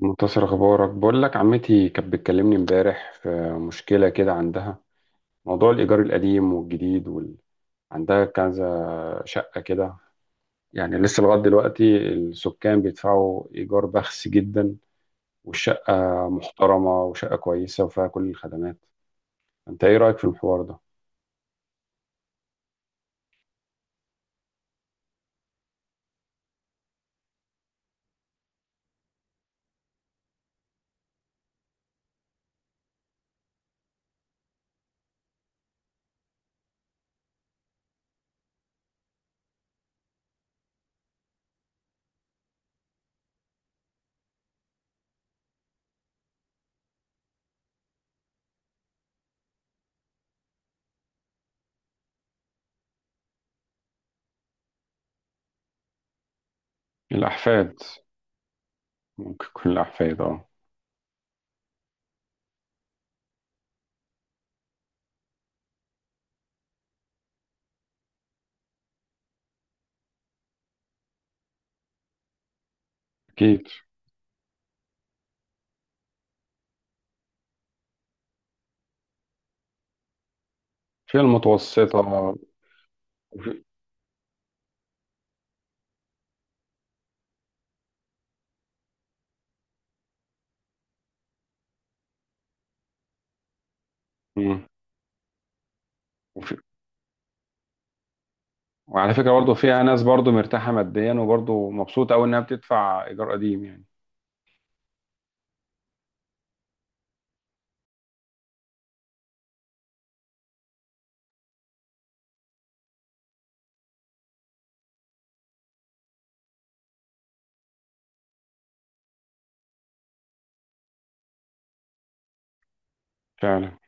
منتصر، اخبارك؟ بقول لك عمتي كانت بتكلمني امبارح في مشكله كده عندها. موضوع الايجار القديم والجديد عندها كذا شقه كده، يعني لسه لغايه دلوقتي السكان بيدفعوا ايجار بخس جدا، والشقه محترمه وشقه كويسه وفيها كل الخدمات. انت ايه رايك في الحوار ده؟ الاحفاد، ممكن تكون الاحفاد، اه. اكيد. فيها المتوسطه. وفي... مم. وفي... وعلى فكره برضه فيها ناس برضه مرتاحه ماديا وبرضه مبسوطه قوي انها بتدفع ايجار قديم يعني. فعلا.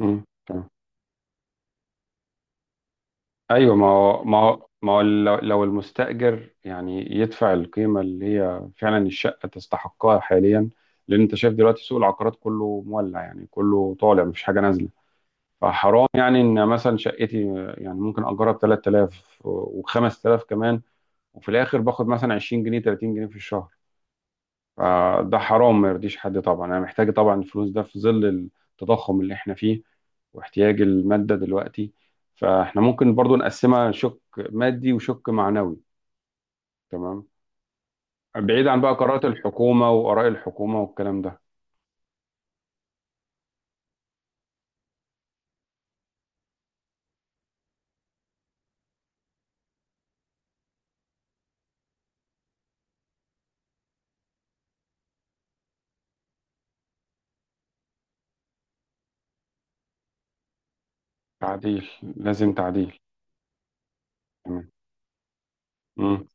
فعلا. ايوه، ما هو لو المستأجر يعني يدفع القيمة اللي هي فعلا الشقة تستحقها حاليا. لأن أنت شايف دلوقتي سوق العقارات كله مولع، يعني كله طالع مفيش حاجة نازلة. فحرام يعني إن مثلا شقتي يعني ممكن أجرها ب 3,000 و5000 كمان، وفي الآخر باخد مثلا 20 جنيه 30 جنيه في الشهر. فده حرام ما يرضيش حد طبعا، انا محتاج طبعا الفلوس ده في ظل التضخم اللي احنا فيه واحتياج المادة دلوقتي. فاحنا ممكن برضو نقسمها شق مادي وشق معنوي، تمام؟ بعيد عن بقى قرارات الحكومة وآراء الحكومة والكلام ده. تعديل، لازم تعديل. تمام. مم.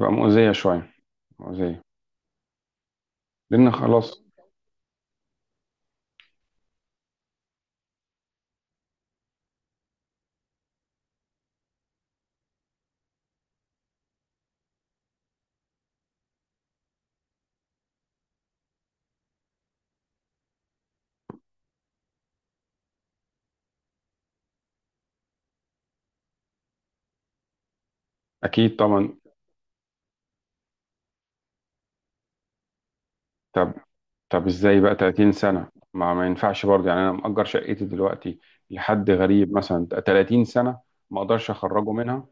بقى مؤذية شوية. مؤذية. لأن خلاص. أكيد طبعا. طب، طب ازاي بقى 30 سنة؟ ما ينفعش برضه يعني. انا مأجر شقتي دلوقتي لحد غريب مثلا 30 سنة، ما اقدرش اخرجه منها.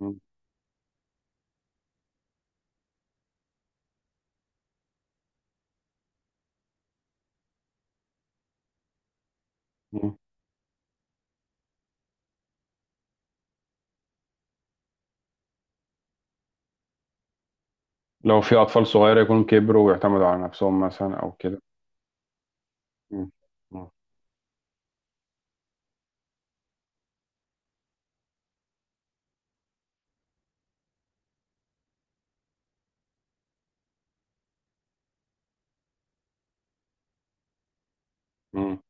مم. مم. لو في اطفال صغيرة يكونوا كبروا ويعتمدوا على نفسهم مثلا او كده. مم. مم. مم.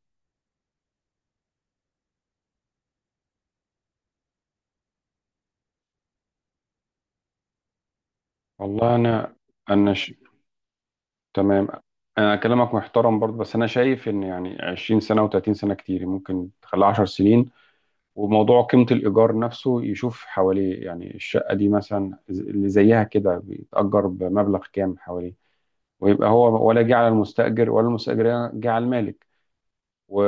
والله انا، انا ش... تمام. انا كلامك محترم برضه، بس انا شايف ان يعني 20 سنة و30 سنة كتير، ممكن تخليها 10 سنين. وموضوع قيمة الإيجار نفسه يشوف حواليه، يعني الشقة دي مثلا اللي زيها كده بيتأجر بمبلغ كام حواليه، ويبقى هو ولا جه على المستأجر ولا المستأجر جه على المالك. و...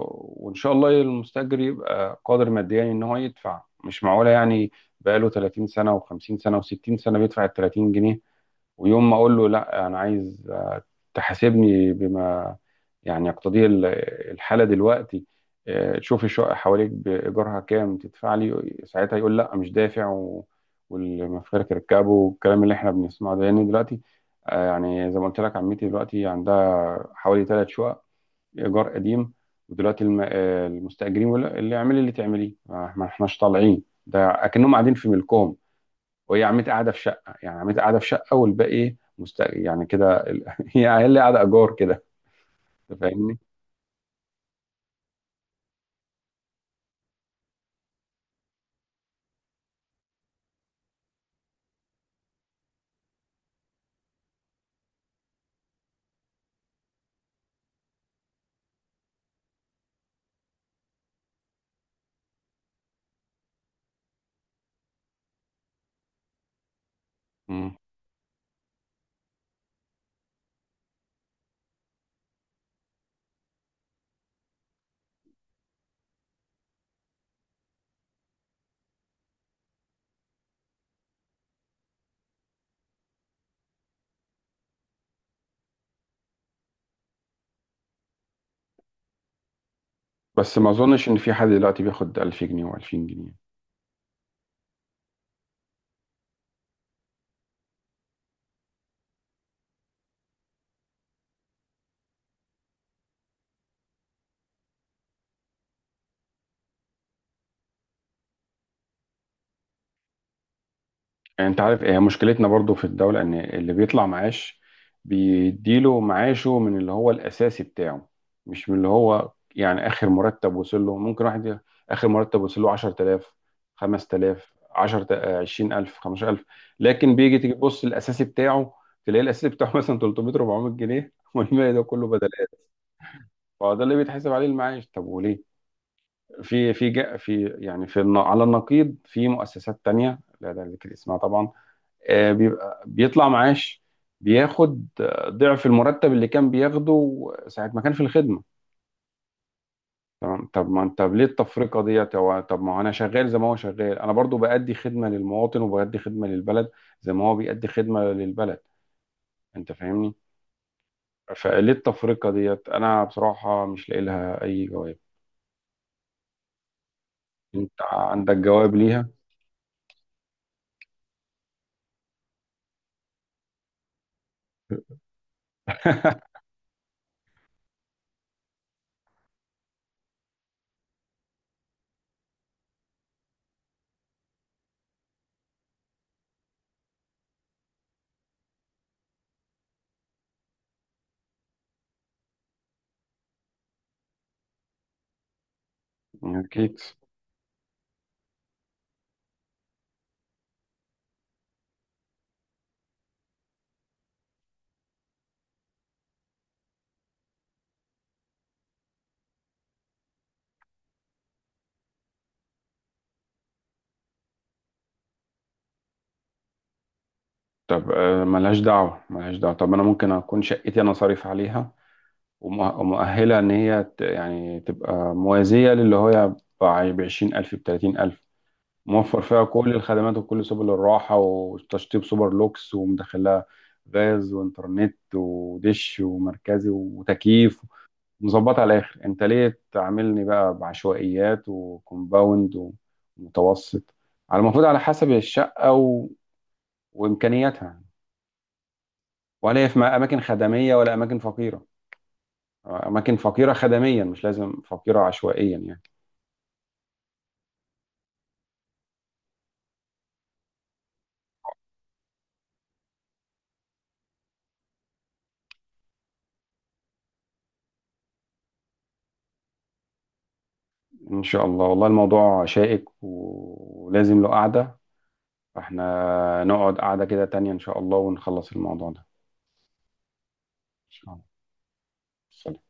وإن شاء الله المستأجر يبقى قادر ماديا إن هو يدفع. مش معقولة يعني بقاله 30 سنة و50 سنة و60 سنة بيدفع ال 30 جنيه، ويوم ما اقول له لا انا عايز، تحاسبني بما يعني يقتضيه الحاله دلوقتي، تشوف الشقه حواليك بايجارها كام تدفع لي ساعتها، يقول لا مش دافع والمفارق ركبه والكلام اللي احنا بنسمعه ده. لان دلوقتي، يعني زي ما قلت لك، عمتي دلوقتي عندها حوالي ثلاث شقق ايجار قديم، ودلوقتي المستاجرين بيقول لها اللي اعملي اللي تعمليه، ما احناش طالعين، ده اكنهم قاعدين في ملكهم. وهي عمتي قاعده في شقه، يعني عمتي قاعده في شقه والباقي مست، يعني كده هي اللي قاعده ايجار كده. انت فاهمني. مم. بس ما اظنش ان في حد دلوقتي بياخد 1000 جنيه و2000 جنيه. يعني انت عارف هي مشكلتنا برضو في الدولة، ان اللي بيطلع معاش بيديله معاشه من اللي هو الاساسي بتاعه، مش من اللي هو يعني اخر مرتب وصل له. ممكن واحد اخر مرتب وصل له 10,000، 5,000، 10، 20,000، 15,000، لكن تيجي تبص الاساسي بتاعه، تلاقي الاساسي بتاعه مثلا 300، 400 جنيه، والباقي ده كله بدلات. فده اللي بيتحسب عليه المعاش. طب وليه في في جا- في يعني في النا- على النقيض في مؤسسات تانية، لا ده ذكر اسمها طبعا، بيبقى بيطلع معاش، بياخد ضعف المرتب اللي كان بياخده ساعة ما كان في الخدمة. تمام؟ طب ما انت ليه التفرقة ديت؟ هو طب ما هو انا شغال زي ما هو شغال، انا برضو بأدي خدمة للمواطن وبأدي خدمة للبلد زي ما هو بيأدي خدمة للبلد. انت فاهمني. فليه التفرقة ديت؟ انا بصراحة مش لاقي لها اي جواب. انت عندك جواب ليها؟ اكيد. طب، ملهاش دعوة، ملهاش دعوة. طب انا ممكن اكون شقتي انا صارف عليها ومؤهلة إن هي يعني تبقى موازية للي هو بعشرين ألف بتلاتين ألف، موفر فيها كل الخدمات وكل سبل الراحة وتشطيب سوبر لوكس، ومدخلها غاز وإنترنت ودش ومركزي وتكييف، مظبط على الآخر. أنت ليه تعاملني بقى بعشوائيات وكومباوند ومتوسط؟ على المفروض على حسب الشقة وإمكانياتها، ولا هي في أماكن خدمية ولا أماكن فقيرة. أماكن فقيرة خدميا مش لازم فقيرة عشوائيا يعني. إن شاء الله. والله الموضوع شائك ولازم له قعدة، فإحنا نقعد قعدة كده تانية إن شاء الله ونخلص الموضوع ده. إن شاء الله.